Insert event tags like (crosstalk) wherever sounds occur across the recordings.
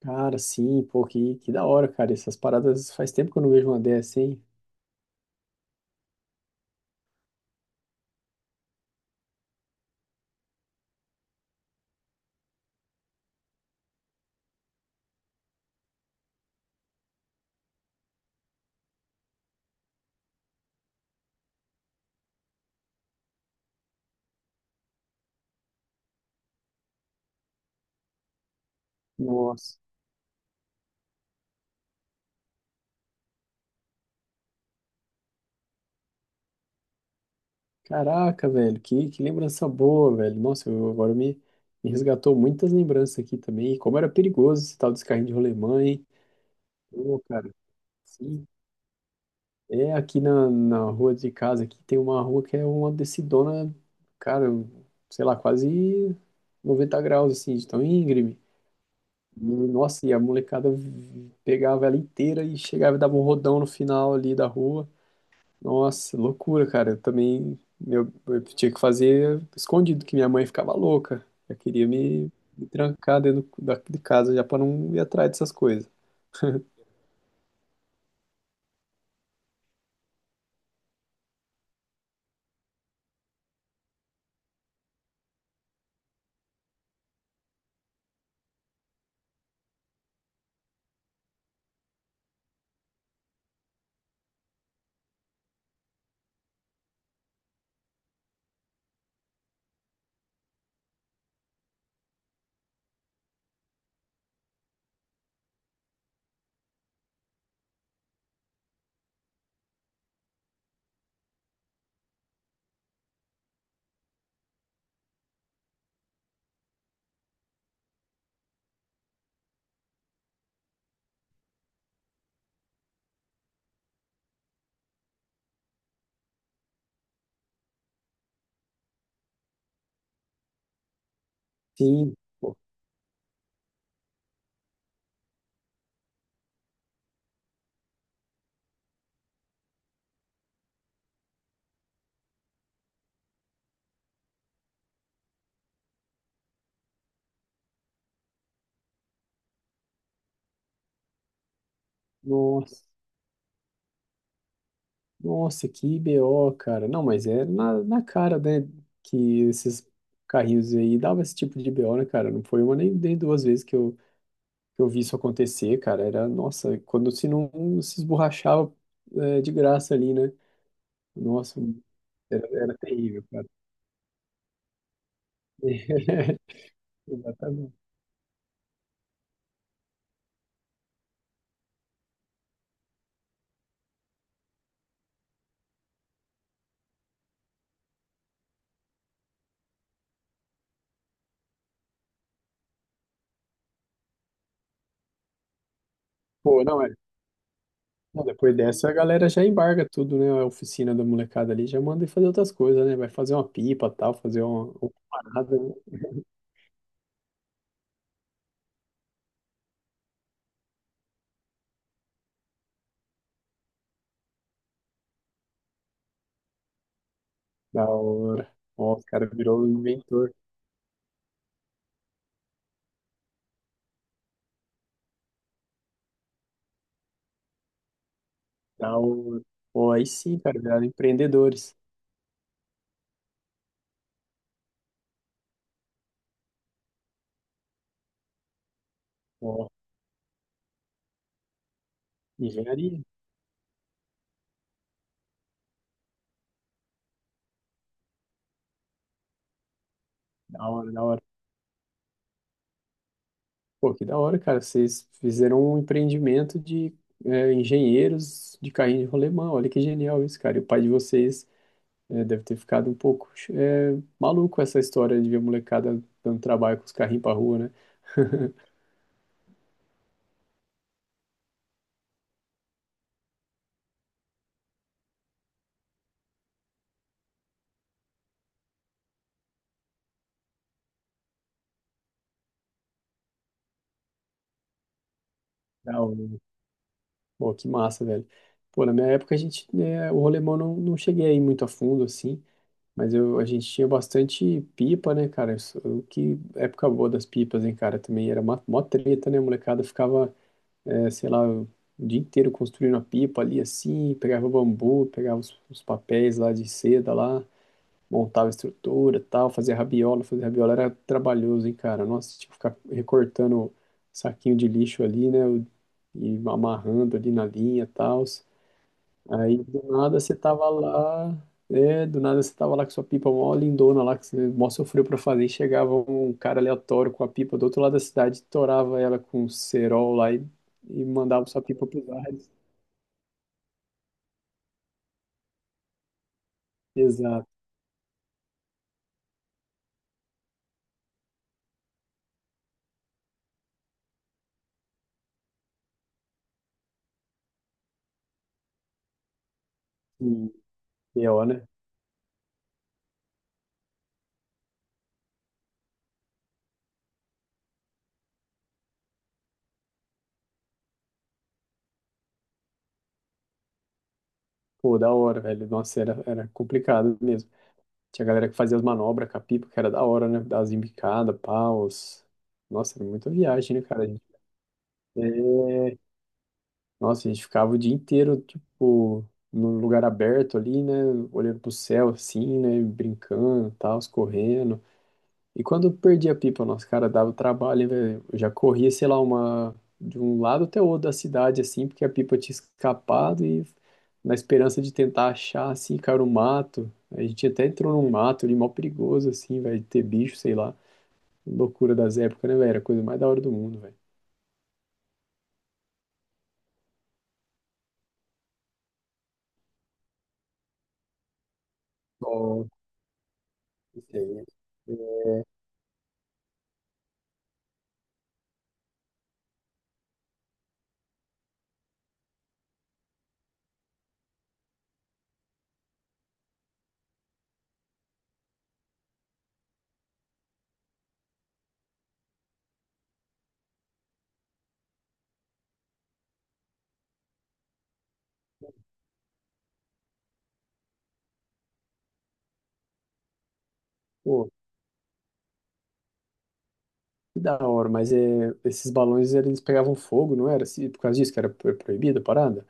Cara, sim, pô, que da hora, cara. Essas paradas faz tempo que eu não vejo uma dessa, hein? Nossa. Caraca, velho, que lembrança boa, velho. Nossa, agora me resgatou muitas lembranças aqui também. E como era perigoso esse tal desse carrinho de rolemã, hein? Pô, cara, sim. É aqui na rua de casa, aqui tem uma rua que é uma descidona, cara, sei lá, quase 90 graus, assim, de tão íngreme. E, nossa, e a molecada pegava ela inteira e chegava e dava um rodão no final ali da rua. Nossa, loucura, cara. Eu também, meu, eu tinha que fazer escondido, que minha mãe ficava louca. Já queria me trancar dentro de casa já para não ir atrás dessas coisas. Sim, pô. Nossa, nossa, que BO, cara. Não, mas é na, na cara, né? Que esses carrinhos aí dava esse tipo de BO, né, cara? Não foi uma nem duas vezes que eu vi isso acontecer, cara. Era, nossa, quando se não se esborrachava, é, de graça ali, né? Nossa, era terrível. (laughs) Exatamente. Pô, não é. Não, depois dessa a galera já embarga tudo, né? A oficina da molecada ali já manda ir fazer outras coisas, né? Vai fazer uma pipa, tal, fazer uma parada, né? Da hora. Ó, os caras virou um inventor. Da hora. Pô, aí sim, cara, viraram empreendedores. Ó, engenharia. Da hora, da hora. Pô, que da hora, cara. Vocês fizeram um empreendimento de engenheiros de carrinho de rolemã. Olha que genial isso, cara. E o pai de vocês. É, deve ter ficado um pouco maluco, essa história de ver a molecada dando trabalho com os carrinhos pra rua, né? Ah. Pô, que massa, velho. Pô, na minha época a gente, né, o rolemão não cheguei aí muito a fundo, assim, mas a gente tinha bastante pipa, né, cara? O que época boa das pipas, hein, cara? Também era mó, mó treta, né? A molecada ficava, sei lá, o dia inteiro construindo a pipa ali, assim, pegava bambu, pegava os papéis lá de seda lá. Montava estrutura, tal, fazia rabiola, fazer rabiola era trabalhoso, hein, cara? Nossa, tinha que ficar recortando saquinho de lixo ali, né, e amarrando ali na linha, tal. Aí do nada você tava lá, do nada você tava lá com sua pipa mó lindona lá, que você, né, mó sofreu pra fazer, e chegava um cara aleatório com a pipa do outro lado da cidade, torava ela com um cerol lá e mandava sua pipa pro ar. Exato. E, e, ó, né? Pô, da hora, velho. Nossa, era complicado mesmo. Tinha galera que fazia as manobras com a pipa, que era da hora, né? Das embicadas, paus. Nossa, era muita viagem, né, cara? É, Nossa, a gente ficava o dia inteiro, tipo, num lugar aberto ali, né? Olhando pro céu, assim, né? Brincando, tal, correndo. E quando eu perdi a pipa, nosso, cara, dava trabalho, hein, velho. Eu já corria, sei lá, uma de um lado até o outro da cidade, assim, porque a pipa tinha escapado e, na esperança de tentar achar, assim, cara, o mato. A gente até entrou num mato ali, mó perigoso, assim, velho, de ter bicho, sei lá. Loucura das épocas, né, velho? Era a coisa mais da hora do mundo, velho. Bom, não sei. Pô, que da hora, mas é, esses balões eles pegavam fogo, não era? Por causa disso que era proibida a parada?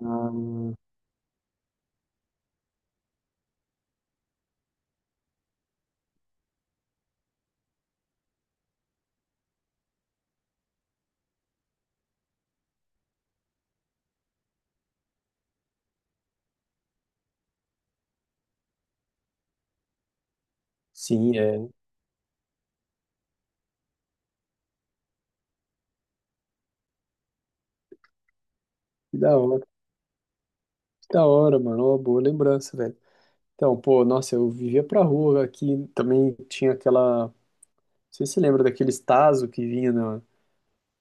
Ah, sim, é. Que da hora. Da hora, mano. Uma boa lembrança, velho. Então, pô, nossa, eu vivia pra rua aqui. Também tinha aquela. Não sei se você lembra daqueles Tazo que vinha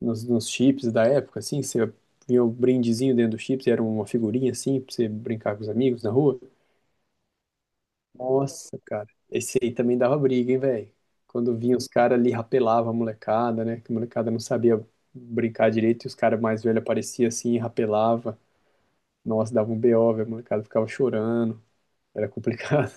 nos chips da época, assim? Você vinha o brindezinho dentro do chips e era uma figurinha assim pra você brincar com os amigos na rua. Nossa, cara. Esse aí também dava briga, hein, velho? Quando vinha os caras ali, rapelava a molecada, né? Que a molecada não sabia brincar direito e os caras mais velhos apareciam assim e rapelava. Nossa, dava um BO, velho. A molecada ficava chorando. Era complicado.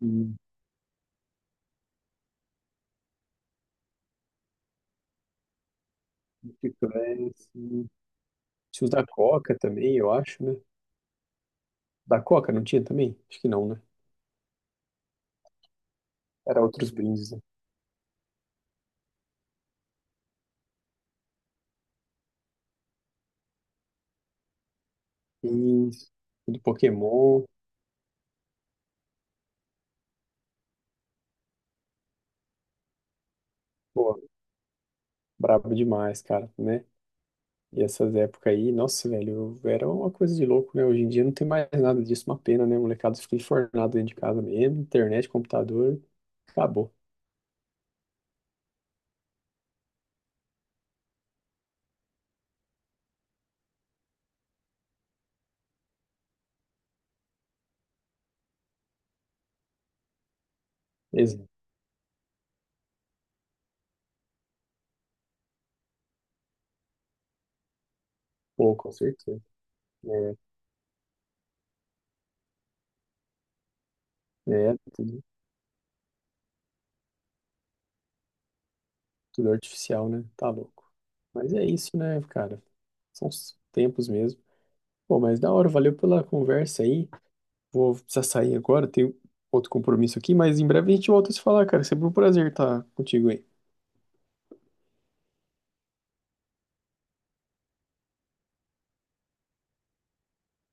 (laughs) Chiclete. Tinha os da Coca também, eu acho, né? Da Coca não tinha também? Acho que não, né? Era outros brindes, né? Isso. Do Pokémon. Pô, brabo demais, cara, né? E essas épocas aí, nossa, velho, era uma coisa de louco, né? Hoje em dia não tem mais nada disso, uma pena, né? Molecada fica enfornado dentro de casa mesmo, internet, computador, acabou. Exato. Pô, com certeza. É, é, tudo artificial, né? Tá louco. Mas é isso, né, cara? São os tempos mesmo. Pô, mas da hora, valeu pela conversa aí. Vou precisar sair agora, tenho outro compromisso aqui, mas em breve a gente volta a se falar, cara. É, sempre um prazer estar contigo aí.